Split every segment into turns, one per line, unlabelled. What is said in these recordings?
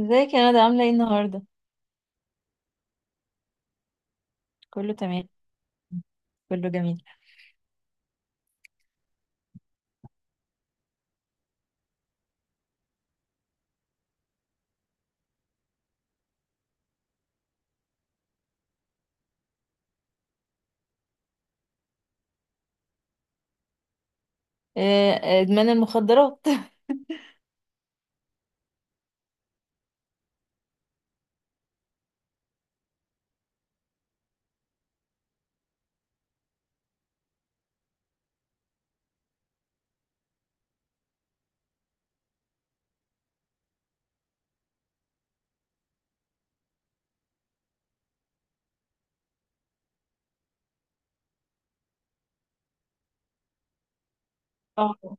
ازيك يا ندى عاملة ايه النهاردة؟ كله تمام. كله جميل. آه، آه، ادمان المخدرات. اه.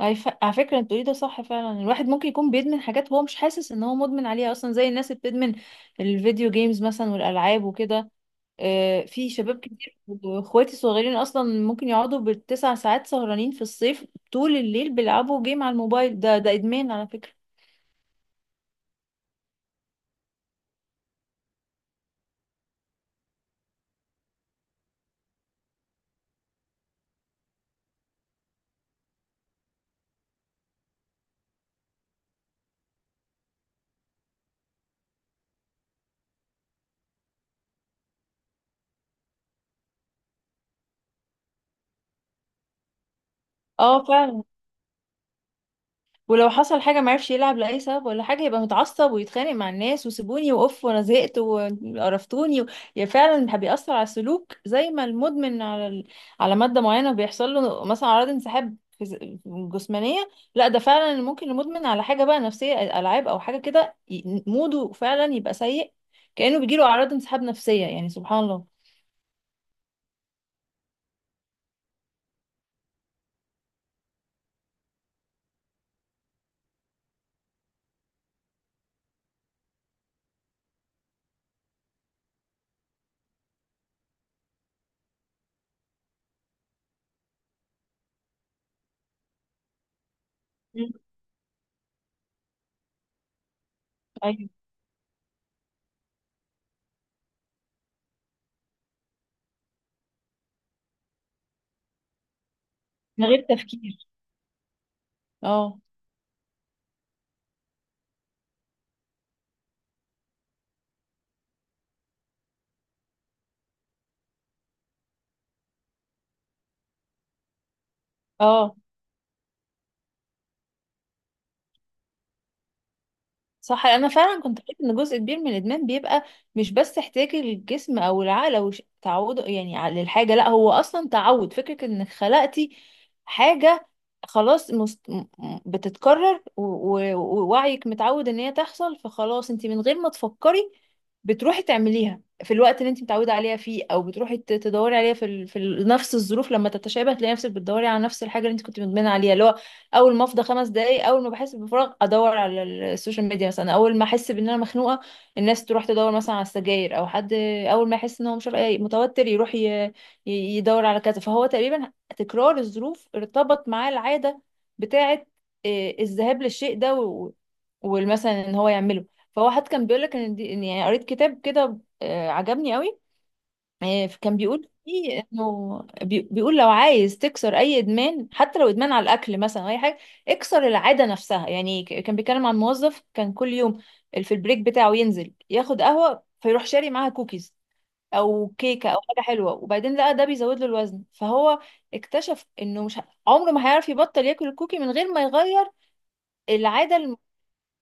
على فكرة انت بتقولي ده صح فعلا، الواحد ممكن يكون بيدمن حاجات هو مش حاسس ان هو مدمن عليها اصلا، زي الناس اللي بتدمن الفيديو جيمز مثلا والالعاب وكده. في شباب كتير واخواتي الصغيرين اصلا ممكن يقعدوا بال9 ساعات سهرانين في الصيف طول الليل بيلعبوا جيم على الموبايل. ده ادمان على فكرة. اه فعلا. ولو حصل حاجة معرفش يلعب لأي سبب ولا حاجة، يبقى متعصب ويتخانق مع الناس، وسيبوني وأوف وأنا زهقت وقرفتوني يعني فعلا بيأثر على السلوك، زي ما المدمن على على مادة معينة بيحصل له مثلا أعراض انسحاب جسمانية. لا ده فعلا ممكن المدمن على حاجة بقى نفسية، ألعاب أو حاجة كده، موده فعلا يبقى سيء، كأنه بيجيله أعراض انسحاب نفسية. يعني سبحان الله. مم. أيوة. من غير تفكير. اه. اه صح، انا فعلا كنت قريت ان جزء كبير من الادمان بيبقى مش بس احتياج الجسم او العقل او تعوده يعني للحاجه، لا هو اصلا تعود، فكره انك خلقتي حاجه خلاص بتتكرر ووعيك متعود ان هي تحصل، فخلاص انت من غير ما تفكري بتروحي تعمليها في الوقت اللي انت متعوده عليها فيه، او بتروحي تدوري عليها في نفس الظروف، لما تتشابه تلاقي نفسك بتدوري على نفس الحاجه اللي انت كنت مدمنه عليها، اللي هو اول ما افضى 5 دقايق، اول ما بحس بفراغ ادور على السوشيال ميديا مثلا، اول ما احس بان انا مخنوقه الناس تروح تدور مثلا على السجاير او حد، اول ما يحس ان هو مش عارف- إيه، متوتر يروح يدور على كذا. فهو تقريبا تكرار الظروف ارتبط معاه العاده بتاعه، الذهاب للشيء ده والمثلا ان هو يعمله. فهو حد كان بيقول لك ان دي إن يعني قريت كتاب كده عجبني قوي. كان بيقول فيه انه بيقول لو عايز تكسر اي ادمان، حتى لو ادمان على الاكل مثلا او اي حاجه، اكسر العاده نفسها. يعني كان بيتكلم عن موظف كان كل يوم في البريك بتاعه ينزل ياخد قهوه، فيروح شاري معاها كوكيز او كيكه او حاجه حلوه، وبعدين لقى ده بيزود له الوزن، فهو اكتشف انه مش ه- عمره ما هيعرف يبطل ياكل الكوكي من غير ما يغير العاده.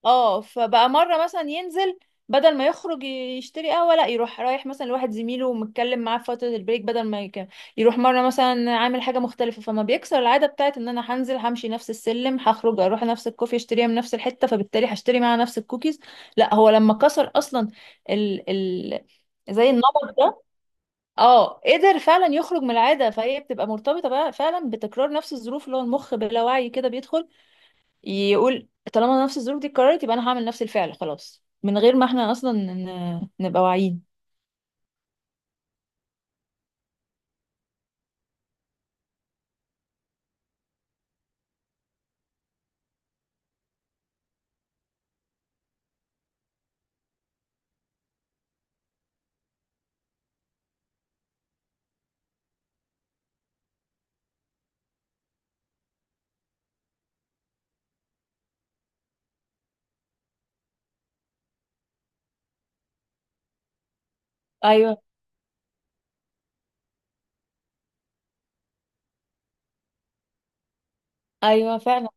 اه فبقى مرة مثلا ينزل، بدل ما يخرج يشتري قهوة لا يروح رايح مثلا لواحد زميله ومتكلم معاه في فترة البريك، بدل ما يروح مرة مثلا عامل حاجة مختلفة، فما بيكسر العادة بتاعت ان انا هنزل همشي نفس السلم، هخرج اروح نفس الكوفي اشتريها من نفس الحتة، فبالتالي هشتري معاها نفس الكوكيز. لا هو لما كسر اصلا ال... ال... زي النمط ده، اه قدر فعلا يخرج من العادة. فهي بتبقى مرتبطة بقى فعلا بتكرار نفس الظروف، اللي هو المخ بلا وعي كده بيدخل يقول طالما نفس الظروف دي اتكررت يبقى انا هعمل نفس الفعل، خلاص من غير ما احنا اصلا نبقى واعيين. ايوه. ايوه فعلا.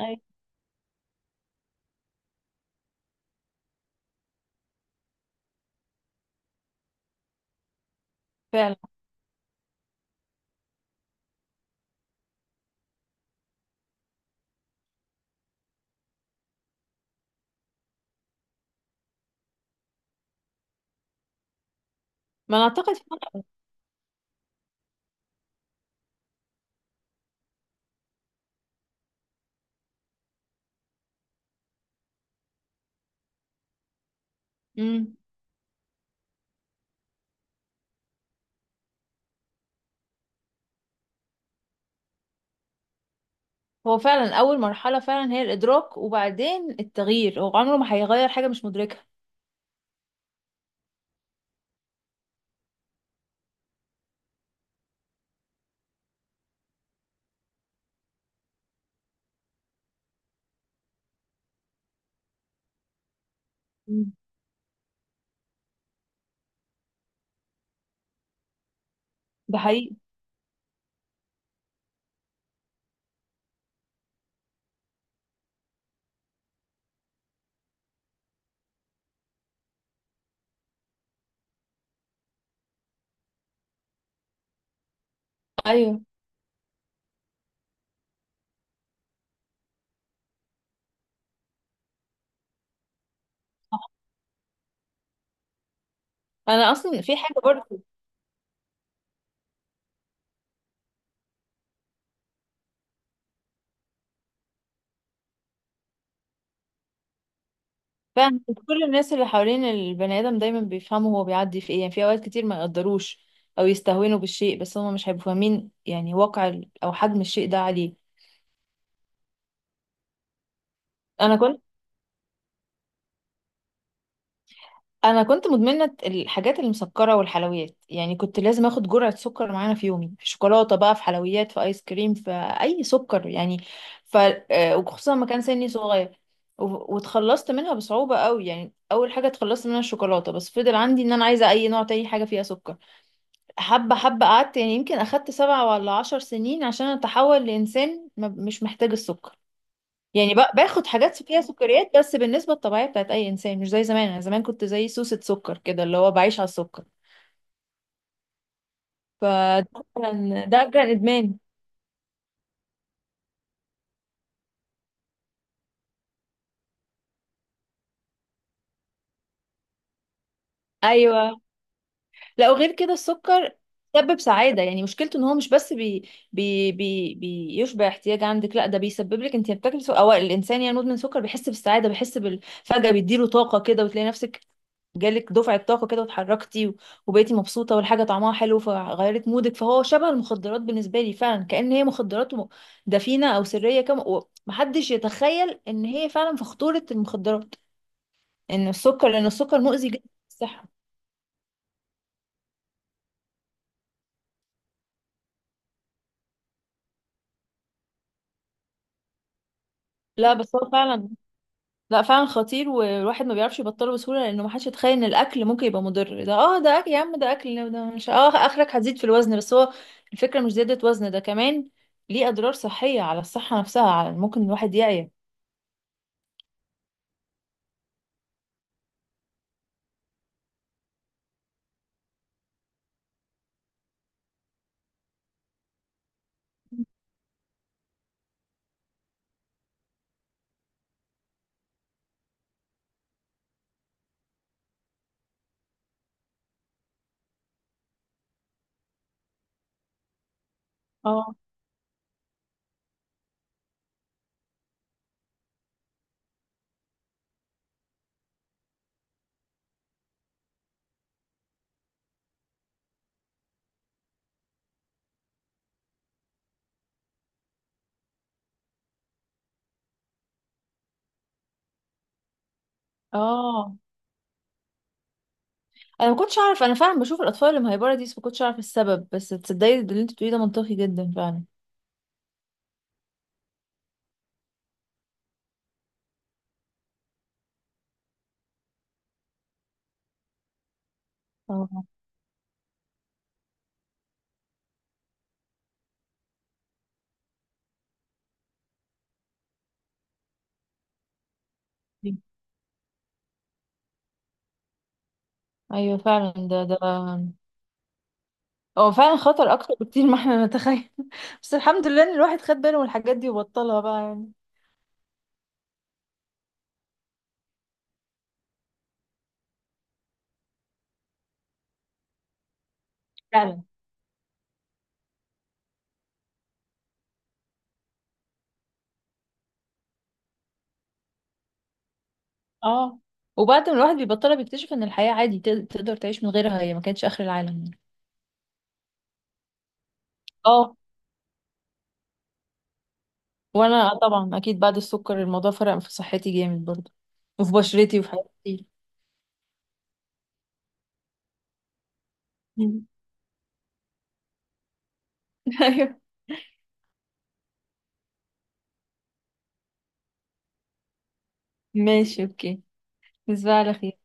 ايوه فعلا. ما انا اعتقد فعلا. امم هو فعلا اول مرحله فعلا هي الادراك وبعدين التغيير، هو عمره ما هيغير حاجه مش مدركها. مم. ده حقيقي. ايوه. انا اصلا في حاجه برضه. فعلا كل الناس اللي حوالين البني ادم دايما بيفهموا هو بيعدي في ايه، يعني في اوقات كتير ما يقدروش او يستهونوا بالشيء، بس هم مش هيبقوا فاهمين يعني واقع او حجم الشيء ده عليه. انا كنت انا كنت مدمنه الحاجات المسكره والحلويات، يعني كنت لازم اخد جرعه سكر معانا في يومي، في شوكولاته بقى، في حلويات، في ايس كريم، في اي سكر يعني. ف وخصوصا ما كان سني صغير واتخلصت منها بصعوبه قوي. يعني اول حاجه اتخلصت منها الشوكولاته، بس فضل عندي ان انا عايزه اي نوع تاني حاجه فيها سكر. حبه حبه، قعدت يعني يمكن اخدت 7 ولا 10 سنين عشان اتحول لانسان مش محتاج السكر. يعني باخد حاجات فيها سكريات بس بالنسبة الطبيعية بتاعت أي إنسان، مش زي زمان. أنا زمان كنت زي سوسة سكر كده، اللي هو بعيش على السكر. فده كان، ده كان إدمان. أيوه. لا وغير كده السكر بيسبب سعادة، يعني مشكلته ان هو مش بس بي بي بي بيشبع احتياج عندك، لا ده بيسبب لك، انت بتاكل سكر او الانسان يعني مدمن سكر بيحس بالسعادة، بيحس فجأة بيديله طاقة كده، وتلاقي نفسك جالك دفعة طاقة كده واتحركتي وبقيتي مبسوطة والحاجة طعمها حلو فغيرت مودك. فهو شبه المخدرات بالنسبة لي فعلا، كأن هي مخدرات دفينة او سرية كم، ومحدش يتخيل ان هي فعلا في خطورة المخدرات، ان السكر، لان السكر مؤذي جدا للصحة. لا بس هو فعلا، لا فعلا خطير، والواحد ما بيعرفش يبطله بسهولة لأنه ما حدش يتخيل إن الأكل ممكن يبقى مضر. ده اه ده أكل يا عم، ده أكل، ده مش، اه آخرك هتزيد في الوزن، بس هو الفكرة مش زيادة وزن، ده كمان ليه أضرار صحية على الصحة نفسها، على ممكن الواحد يعيا. اه. اه أنا ما كنتش أعرف، أنا فعلا بشوف الأطفال اللي مهيبرة دي بس ما كنتش أعرف السبب، بس تصدقي اللي أنت بتقوليه ده منطقي جدا فعلا. اه. أيوه فعلا. ده هو فعلا خطر أكتر بكتير ما احنا نتخيل. بس الحمد لله إن الواحد خد باله من الحاجات دي وبطلها بقى يعني. فعلا. اه وبعد ما الواحد بيبطلها بيكتشف ان الحياة عادي تقدر تعيش من غيرها، هي ما كانتش اخر العالم يعني. اه. وانا آه طبعا اكيد بعد السكر الموضوع فرق في صحتي جامد برضه، وفي بشرتي وفي حياتي. مم. ايوه. ماشي اوكي. تصبح على خير.